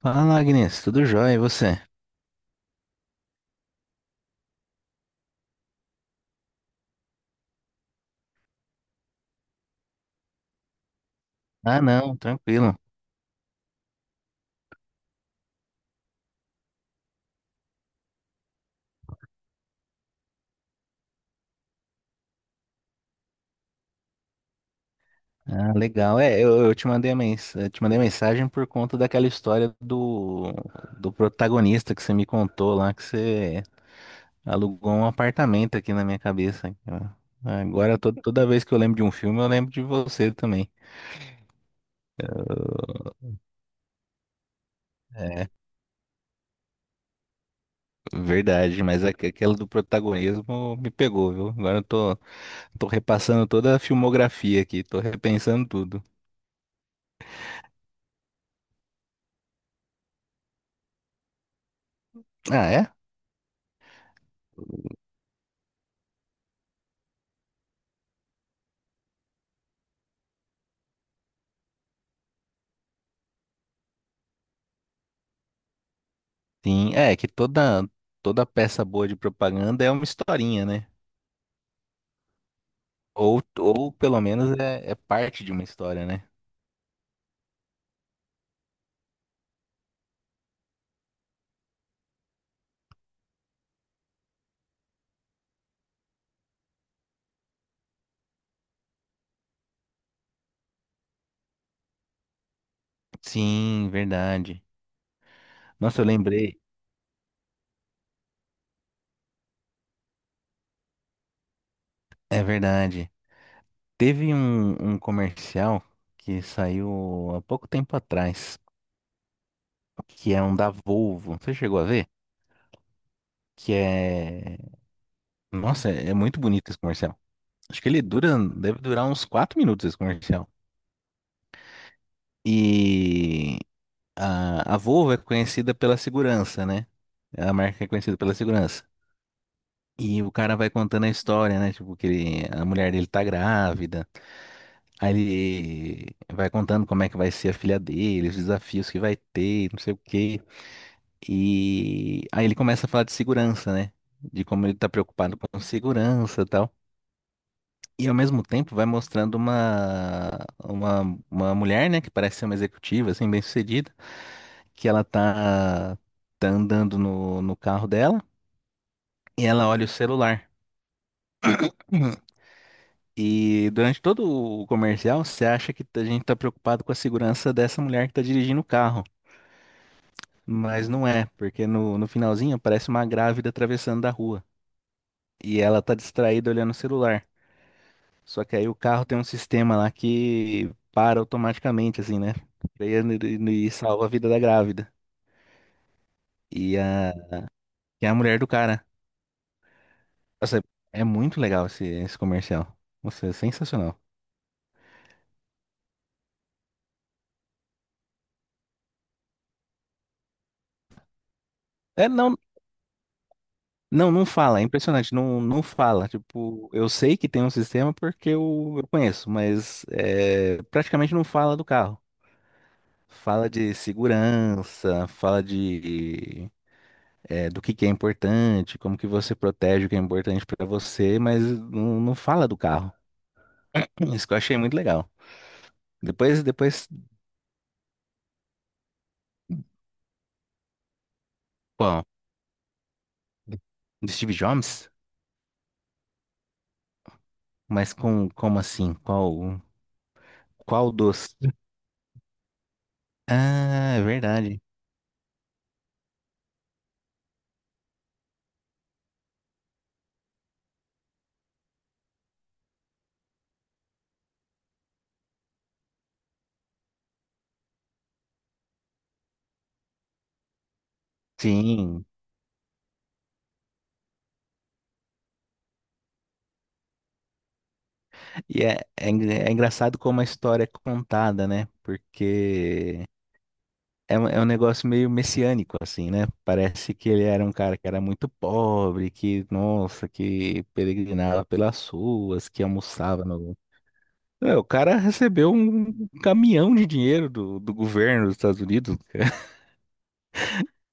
Fala, Agnes, tudo jóia, e você? Ah, não, tranquilo. Ah, legal. Eu te mandei a mens eu te mandei mensagem por conta daquela história do protagonista que você me contou lá, que você alugou um apartamento aqui na minha cabeça. Agora, toda vez que eu lembro de um filme, eu lembro de você também. É, verdade, mas aquela do protagonismo me pegou, viu? Agora tô repassando toda a filmografia aqui, tô repensando tudo. Ah, é? Sim, é que toda peça boa de propaganda é uma historinha, né? Ou pelo menos é parte de uma história, né? Sim, verdade. Nossa, eu lembrei, é verdade. Teve um comercial que saiu há pouco tempo atrás, que é um da Volvo. Você chegou a ver? Que é. Nossa, é muito bonito esse comercial. Acho que deve durar uns 4 minutos esse comercial. E a Volvo é conhecida pela segurança, né? É a marca que é conhecida pela segurança. E o cara vai contando a história, né? Tipo, que a mulher dele tá grávida. Aí ele vai contando como é que vai ser a filha dele, os desafios que vai ter, não sei o quê. E aí ele começa a falar de segurança, né? De como ele tá preocupado com segurança e tal. E ao mesmo tempo vai mostrando uma, uma mulher, né? Que parece ser uma executiva, assim, bem-sucedida. Que tá andando no carro dela e ela olha o celular. E durante todo o comercial, você acha que a gente está preocupado com a segurança dessa mulher que está dirigindo o carro. Mas não é, porque no finalzinho aparece uma grávida atravessando da rua. E ela está distraída olhando o celular. Só que aí o carro tem um sistema lá que para automaticamente, assim, né? Freia e salva a vida da grávida. E a, e a mulher do cara. Nossa, é muito legal esse comercial. Nossa, é sensacional. É, não, Não, não fala, é impressionante, não, não fala. Tipo, eu sei que tem um sistema porque eu conheço, mas é, praticamente não fala do carro. Fala de segurança, fala de é, do que é importante, como que você protege o que é importante pra você, mas não, não fala do carro. Isso que eu achei muito legal. Depois, bom, do Steve Jobs? Mas como assim? Qual, qual dos? Ah, é verdade. Sim. E é engraçado como a história é contada, né? Porque é, é um negócio meio messiânico, assim, né? Parece que ele era um cara que era muito pobre, que, nossa, que peregrinava pelas ruas, que almoçava no. É, o cara recebeu um caminhão de dinheiro do governo dos Estados Unidos.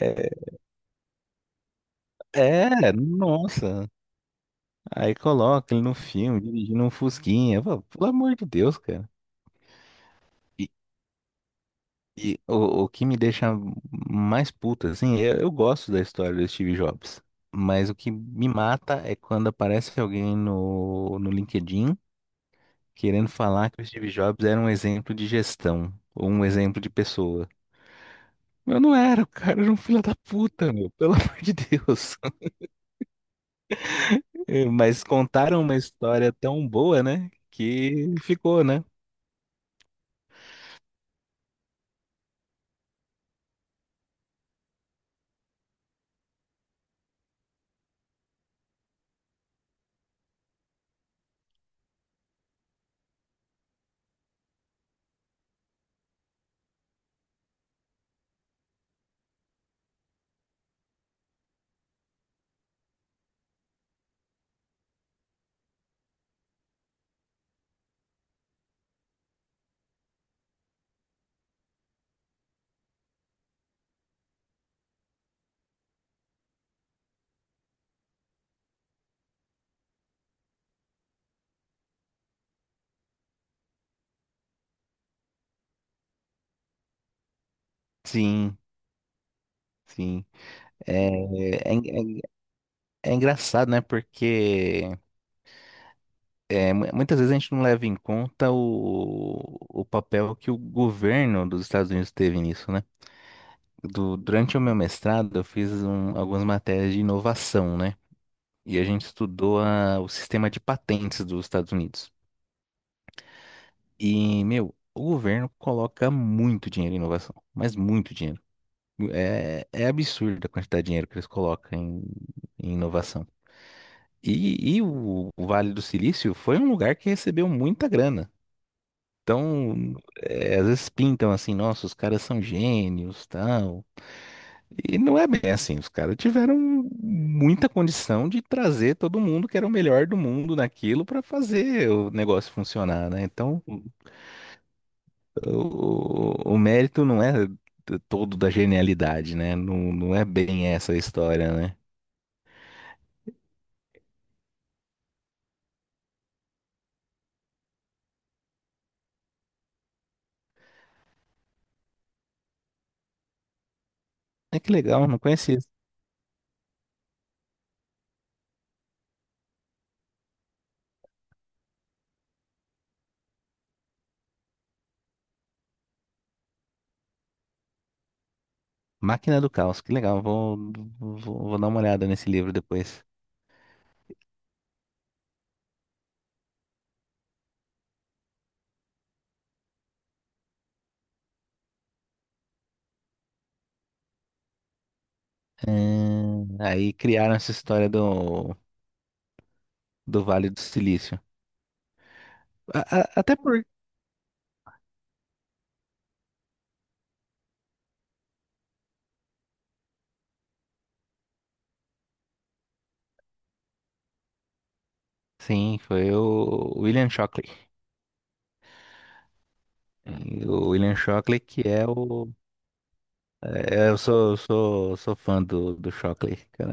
É, nossa. Aí coloca ele no filme, dirigindo um Fusquinha. Pô, pelo amor de Deus, cara. E o que me deixa mais puto, assim, eu gosto da história do Steve Jobs, mas o que me mata é quando aparece alguém no LinkedIn querendo falar que o Steve Jobs era um exemplo de gestão, ou um exemplo de pessoa. Eu não era, o cara era um filho da puta, meu, pelo amor de Deus. É, mas contaram uma história tão boa, né, que ficou, né? Sim, sim. É, é, en- é, en- é engraçado, né, porque. É, muitas vezes a gente não leva em conta o papel que o governo dos Estados Unidos teve nisso, né? Durante o meu mestrado, eu fiz algumas matérias de inovação, né? E a gente estudou o sistema de patentes dos Estados Unidos. E, meu, o governo coloca muito dinheiro em inovação, mas muito dinheiro. É, é absurda a quantidade de dinheiro que eles colocam em inovação. O Vale do Silício foi um lugar que recebeu muita grana. Então, é, às vezes pintam assim, nossa, os caras são gênios, tal. E não é bem assim, os caras tiveram muita condição de trazer todo mundo que era o melhor do mundo naquilo para fazer o negócio funcionar, né? Então, o mérito não é todo da genialidade, né? Não, não é bem essa a história, né? É que legal, não conhecia. Máquina do Caos, que legal, vou dar uma olhada nesse livro depois. É, aí criaram essa história do Vale do Silício. Até por. Sim, foi o William Shockley. E o William Shockley, que é o. É, eu sou fã do Shockley, cara.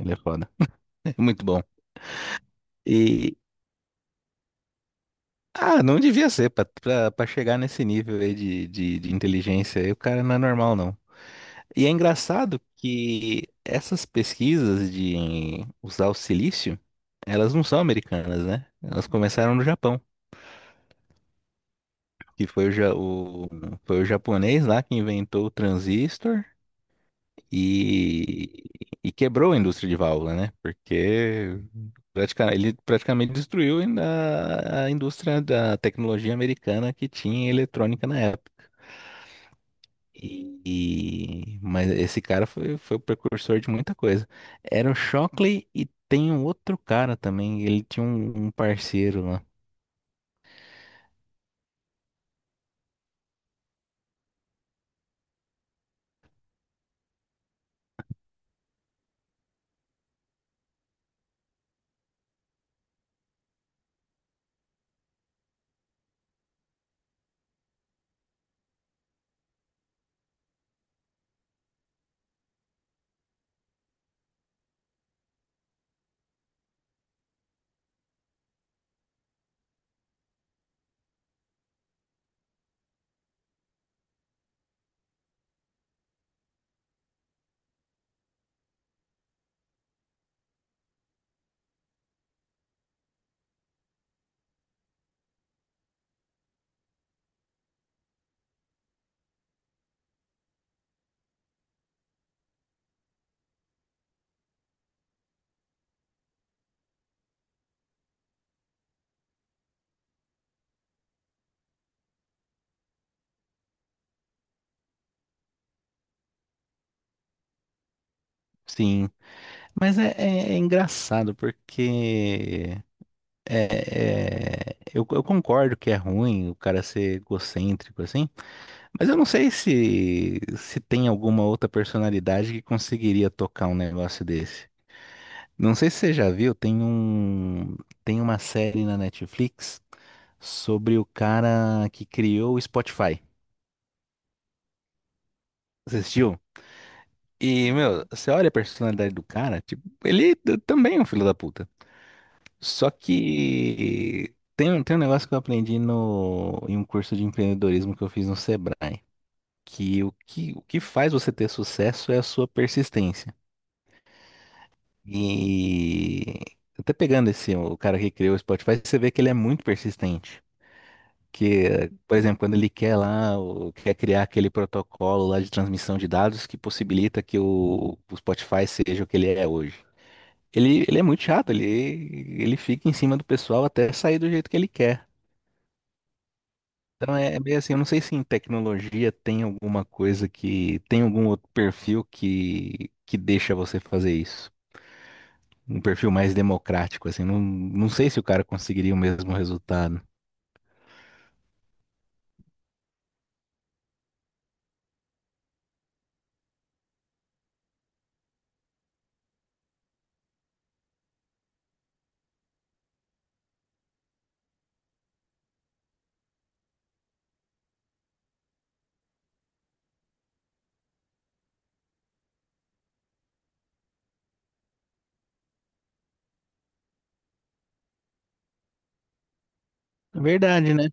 Ele é foda. Muito bom. E. Ah, não devia ser, pra chegar nesse nível aí de inteligência aí, o cara não é normal, não. E é engraçado que essas pesquisas de usar o silício, elas não são americanas, né? Elas começaram no Japão. Que foi o, foi o japonês lá que inventou o transistor e, e quebrou a indústria de válvula, né? Porque ele praticamente destruiu ainda a indústria da tecnologia americana que tinha eletrônica na época. Mas esse cara foi o precursor de muita coisa. Era o Shockley e tem um outro cara também. Ele tinha um parceiro lá. Sim. Mas é engraçado porque eu concordo que é ruim o cara ser egocêntrico assim, mas eu não sei se tem alguma outra personalidade que conseguiria tocar um negócio desse. Não sei se você já viu, tem tem uma série na Netflix sobre o cara que criou o Spotify. Você assistiu? E, meu, você olha a personalidade do cara, tipo, ele também é um filho da puta. Só que tem, tem um negócio que eu aprendi no, em um curso de empreendedorismo que eu fiz no Sebrae, que o que faz você ter sucesso é a sua persistência. E até pegando esse, o cara que criou o Spotify, você vê que ele é muito persistente. Que, por exemplo, quando ele quer lá, quer criar aquele protocolo lá de transmissão de dados que possibilita que o Spotify seja o que ele é hoje. Ele é muito chato, ele fica em cima do pessoal até sair do jeito que ele quer. Então é meio assim, eu não sei se em tecnologia tem alguma coisa que, tem algum outro perfil que deixa você fazer isso. Um perfil mais democrático, assim, não, não sei se o cara conseguiria o mesmo resultado. É, verdade, né?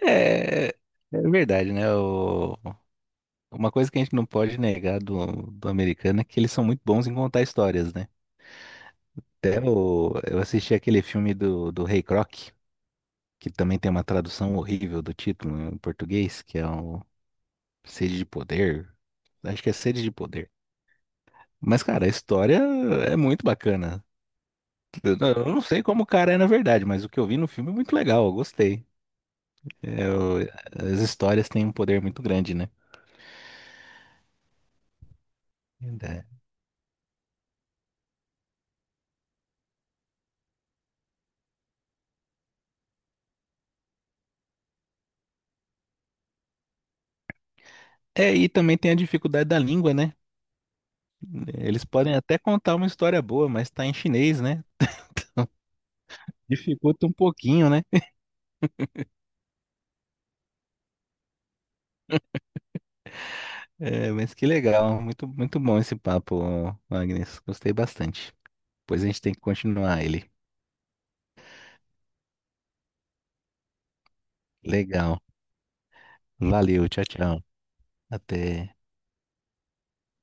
É, é, é verdade, né? Uma coisa que a gente não pode negar do americano é que eles são muito bons em contar histórias, né? Até eu assisti aquele filme do Rei Croc, que também tem uma tradução horrível do título em português, que é o Sede de Poder. Acho que é Sede de Poder. Mas, cara, a história é muito bacana. Eu não sei como o cara é na verdade, mas o que eu vi no filme é muito legal, eu gostei. É, as histórias têm um poder muito grande, né? Verdade. É, e também tem a dificuldade da língua, né? Eles podem até contar uma história boa, mas tá em chinês, né? Dificulta um pouquinho, né? É, mas que legal, muito, muito bom esse papo, Agnes. Gostei bastante. Pois a gente tem que continuar ele. Legal. Valeu, tchau, tchau. Até.